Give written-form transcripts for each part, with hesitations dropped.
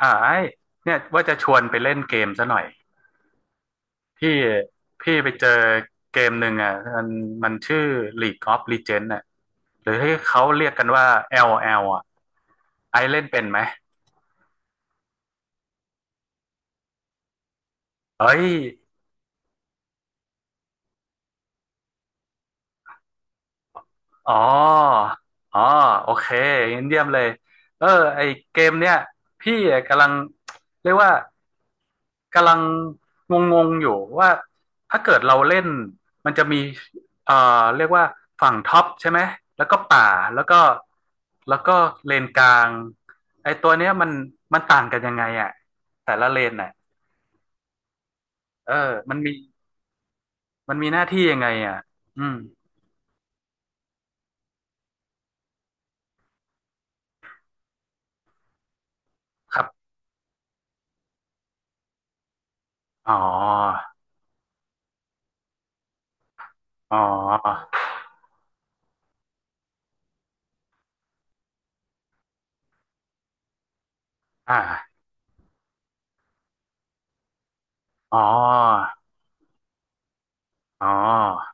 ไอ้เนี่ยว่าจะชวนไปเล่นเกมซะหน่อยพี่พี่ไปเจอเกมหนึ่งอ่ะมันมันชื่อ League of Legends อ่ะหรือที่เขาเรียกกันว่าแอลแอลอ่ะไอ้เล่นเป็นไหมเฮ้ย อ๋ออ๋อโอเคงั้นเยี่ยมเลยเออไอเกมเนี่ยพี่กำลังเรียกว่ากำลังงงๆอยู่ว่าถ้าเกิดเราเล่นมันจะมีเอ่อเรียกว่าฝั่งท็อปใช่ไหมแล้วก็ป่าแล้วก็แล้วก็เลนกลางไอตัวเนี้ยมันมันต่างกันยังไงอ่ะแต่ละเลนน่ะเออมันมีมันมีหน้าที่ยังไงอ่ะอืมครับอ๋ออ๋ออ่า อ๋ออ๋อ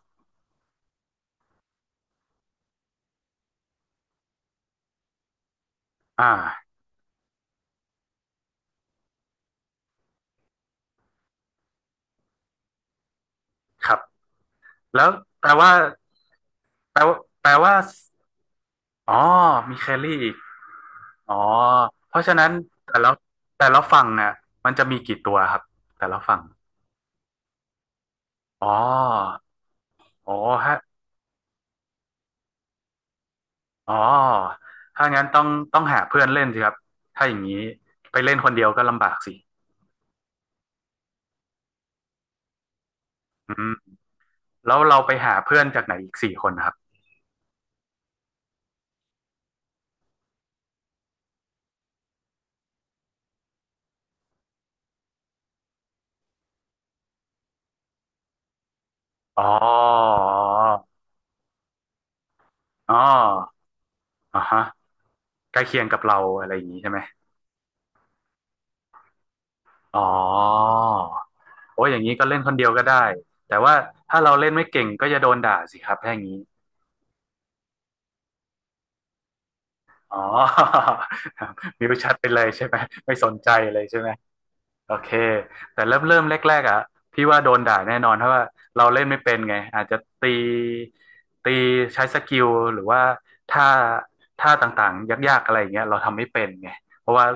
อ่าครับแล้วแปลว่าแปลว่าแปลว่าอ๋อมีแครี่อีกอ๋อเพราะฉะนั้นแต่ละแต่ละฝั่งน่ะมันจะมีกี่ตัวครับแต่ละฝั่งอ๋ออ๋อฮะอ๋อถ้างั้นต้องหาเพื่อนเล่นสิครับถ้าอย่างนี้ไปเล่นคนเดียวก็ลำบากสิอืมแล้วเราไปหาเพื่อนจากไหนอีกสี่คนครับอ๋ออ๋ออ๋อฮะใกล้เคียงกับเราอะไรอย่างนี้ใช่ไหม อ๋อโอ้ยอย่างนี้ก็เล่นคนเดียวก็ได้แต่ว่าถ้าเราเล่นไม่เก่งก็จะโดนด่าสิครับถ้าอย่างนี้อ๋อ มิวชัดไปเลยใช่ไหมไม่สนใจเลยใช่ไหมโอเคแต่เริ่มแรกๆอ่ะพี่ว่าโดนด่าแน่นอนเพราะว่าเราเล่นไม่เป็นไงอาจจะตีใช้สกิลหรือว่าท่าท่าต่างๆยากๆอะไรอย่างเงี้ยเราทำไม่เป็นไงเพราะว่า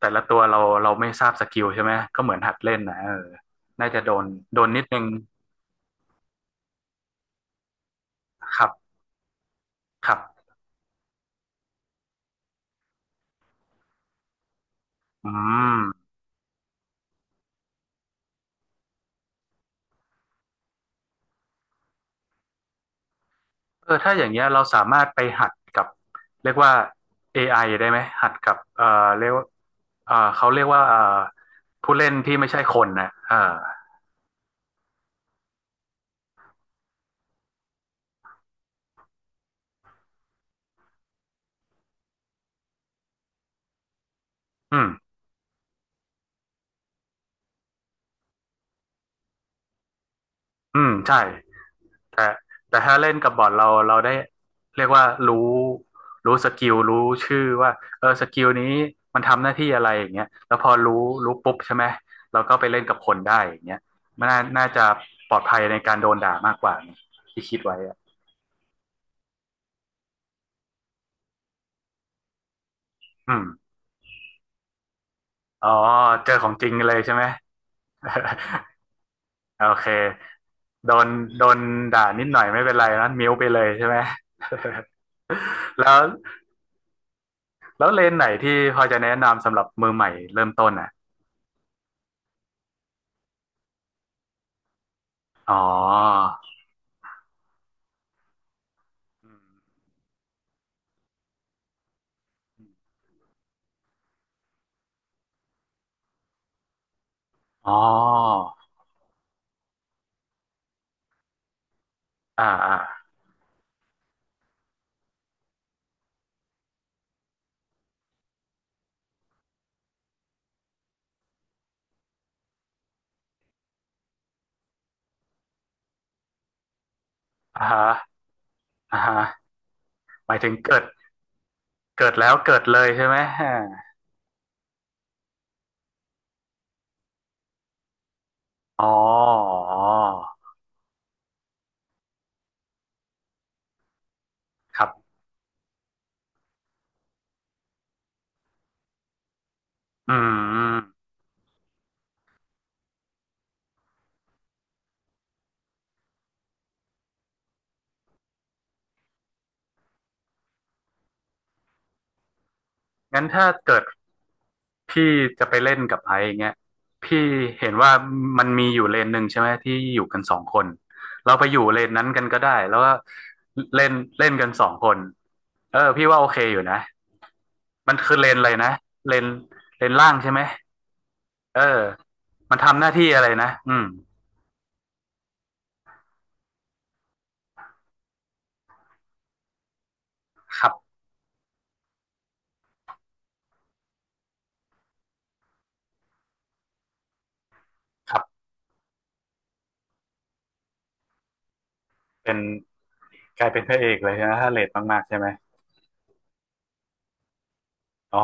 แต่ละตัวเราไม่ทราบสกิลใช่ไหมก็เหมือนหัดเล่นนะเออน่าจะโดนนิดนึง ครับครับอืมเออถ้าอย่างเงี้ยเราสามารถไปหัดกับเรียกว่า AI ไอได้ไหมหัดกับ เรียกว่าเขาเรียกว่าผู้เล่นที่ไม่ใช่คนนะเอออืมอืม ใช่แต่แต่ถ้าเล่นกับบอทเราได้เรียกว่ารู้รู้สกิลรู้ชื่อว่าเออสกิลนี้มันทำหน้าที่อะไรอย่างเงี้ยแล้วพอรู้รู้ปุ๊บใช่ไหม เราก็ไปเล่นกับคนได้อย่างเงี้ยมันน่าจะปลอดภัยในการโดนด่ามากกว่าที่คิดไว้อะอืม อ๋อเจอของจริงเลยใช่ไหม โอเคโดนโดนด่านิดหน่อยไม่เป็นไรนะมิวไปเลยใช่ไหม แล้วแล้วเลนไหนที่พอจะแนะนำสำหรับมือใหม่เริ่มต้นอ่ะอ๋ออืมอ๋ออ่าอ่าอ่าฮะอ่าฮะหมายถึงเกิดเกิดแล้วเกิดเลยใช่ไหมอ่าอ๋อครับอืมงั้นถ้าเกิด พี่จะไปเล่นกับไอซ์เงี้ยพี่เห็นว่ามันมีอยู่เลนหนึ่งใช่ไหมที่อยู่กันสองคนเราไปอยู่เลนนั้นกันก็ได้แล้วก็เล่นเล่นกันสองคนเออพี่ว่าโอเคอยู่นะมันคือเลนอะไรนะเลนเลนล่างใช่ไหมเออมันทำหน้าที่อะไรนะอืมครับครับเป็นกลายเป็นพระเอกเลยนะถ้าเลทมากๆใช่ไหมอ๋อ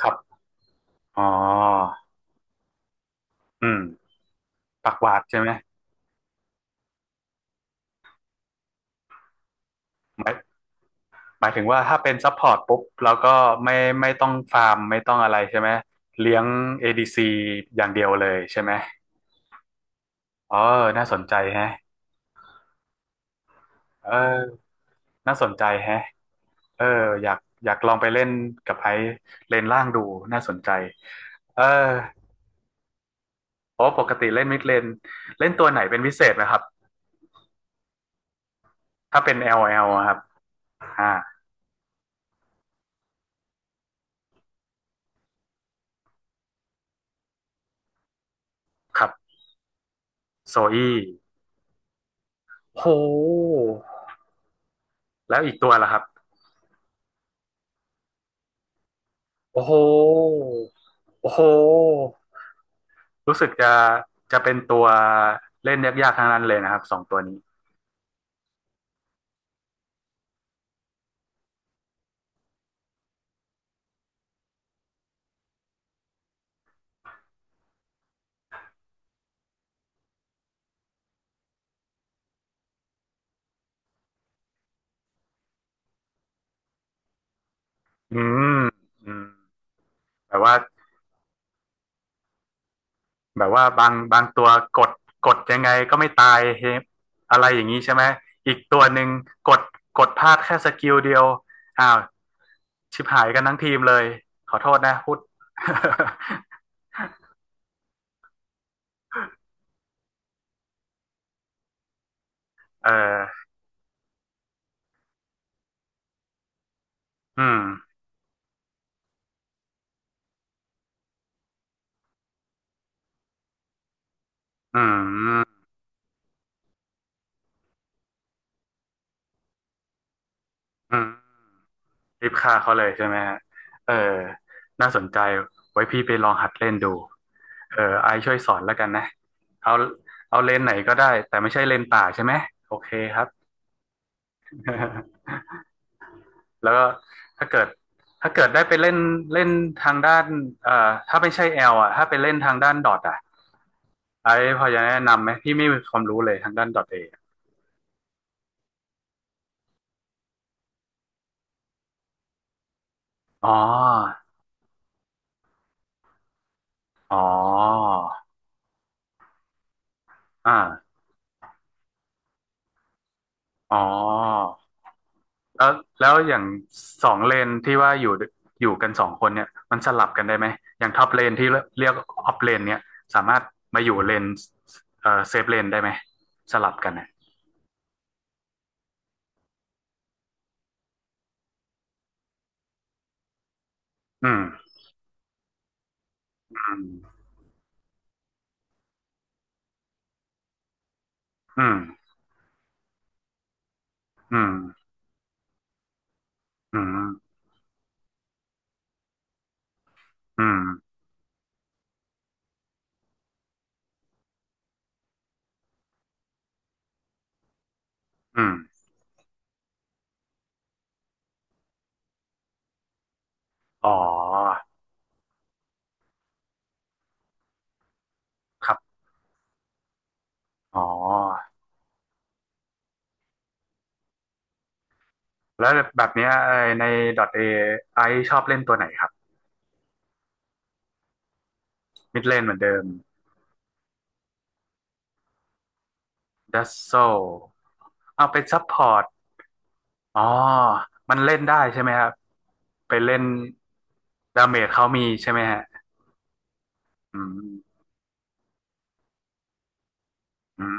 ครับอ๋ออืมปากหวาดใช่ไหมหมาย หมายถึงว่าถ้าเป็นซัพพอร์ตปุ๊บเราก็ไม่ไม่ต้องฟาร์มไม่ต้องอะไรใช่ไหมเลี้ยง ADC อดีซีอย่างเดียวเลยใช่ไหมอ๋อน่าสนใจแฮะเออน่าสนใจแฮะเอออยากอยากลองไปเล่นกับไอซ์เลนล่างดูน่าสนใจเออโอ้ปกติเล่นมิดเลนเล่นตัวไหนเป็นพิเศษไหมครับถ้าเป็น LL อลแอลอะครับอ่าครับโซอี้โหแล้วอีกตัวล่ะครับโอ้โหโอ้โห รู้สึกจะเป็นตัวเล่นยากๆทั้งนั้นเลยนะครับสองตัวนี้อืมอืมแบบว่าแบบว่าบางตัวกดกดยังไงก็ไม่ตายเฮอะไรอย่างนี้ใช่ไหมอีกตัวหนึ่งกดกดพลาดแค่สกิลเดียวอ้าวชิบหายกันทั้งทีมเลยขอโทษนะพูด เอออืมอืมอืม รีบฆ่าเขาเลยใช่ไหมฮะเออน่าสนใจไว้พี่ไปลองหัดเล่นดูเออไอซ์ช่วยสอนแล้วกันนะเอาเอาเลนส์ไหนก็ได้แต่ไม่ใช่เลนส์ป่าใช่ไหมโอเคครับ แล้วก็ถ้าเกิดถ้าเกิดได้ไปเล่นเล่นทางด้านเอ่อถ้าไม่ใช่แอลอ่ะถ้าไปเล่นทางด้านดอทอ่ะไอซ์พอจะแนะนำไหมพี่ไม่มีความรู้เลยทางด้านดอทเออ๋ออ๋ออ่าอ๋อ แล้วแล้วอย่างสองเลนที่ว่าอยู่กันสองคนเนี่ยมันสลับกันได้ไหมอย่างท็อปเลนที่เรียกออฟเลนเนี่ยสามารถมาอยู่เลนเซฟเลนได้ไหมสลับกันเนี่ยอืมอืมอืมอืมอืมอืมอืมอ๋อครับอ๋อแล้วแบบเนี้ยไอ้ใน .A ไอชอบเล่นตัวไหนครับมิดเลนเหมือนเดิมดัสโซเอาเป็นซัพพอร์ต อ๋อมันเล่นได้ใช่ไหมครับไปเล่นดาเมจเขามีใช่ไหมฮะอืมอืม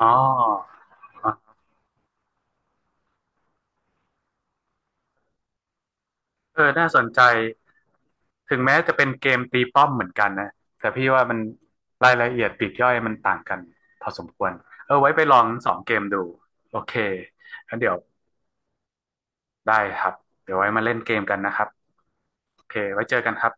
อ๋อเออน่าสนใจถึงแม้จะเป็นเกมตีป้อมเหมือนกันนะแต่พี่ว่ามันรายละเอียดปลีกย่อยมันต่างกันพอสมควร เออไว้ไปลองงสองเกมดู โอเคงั้นเดี๋ยวได้ครับเดี๋ยวไว้มาเล่นเกมกันนะครับโอเคไว้เจอกันครับ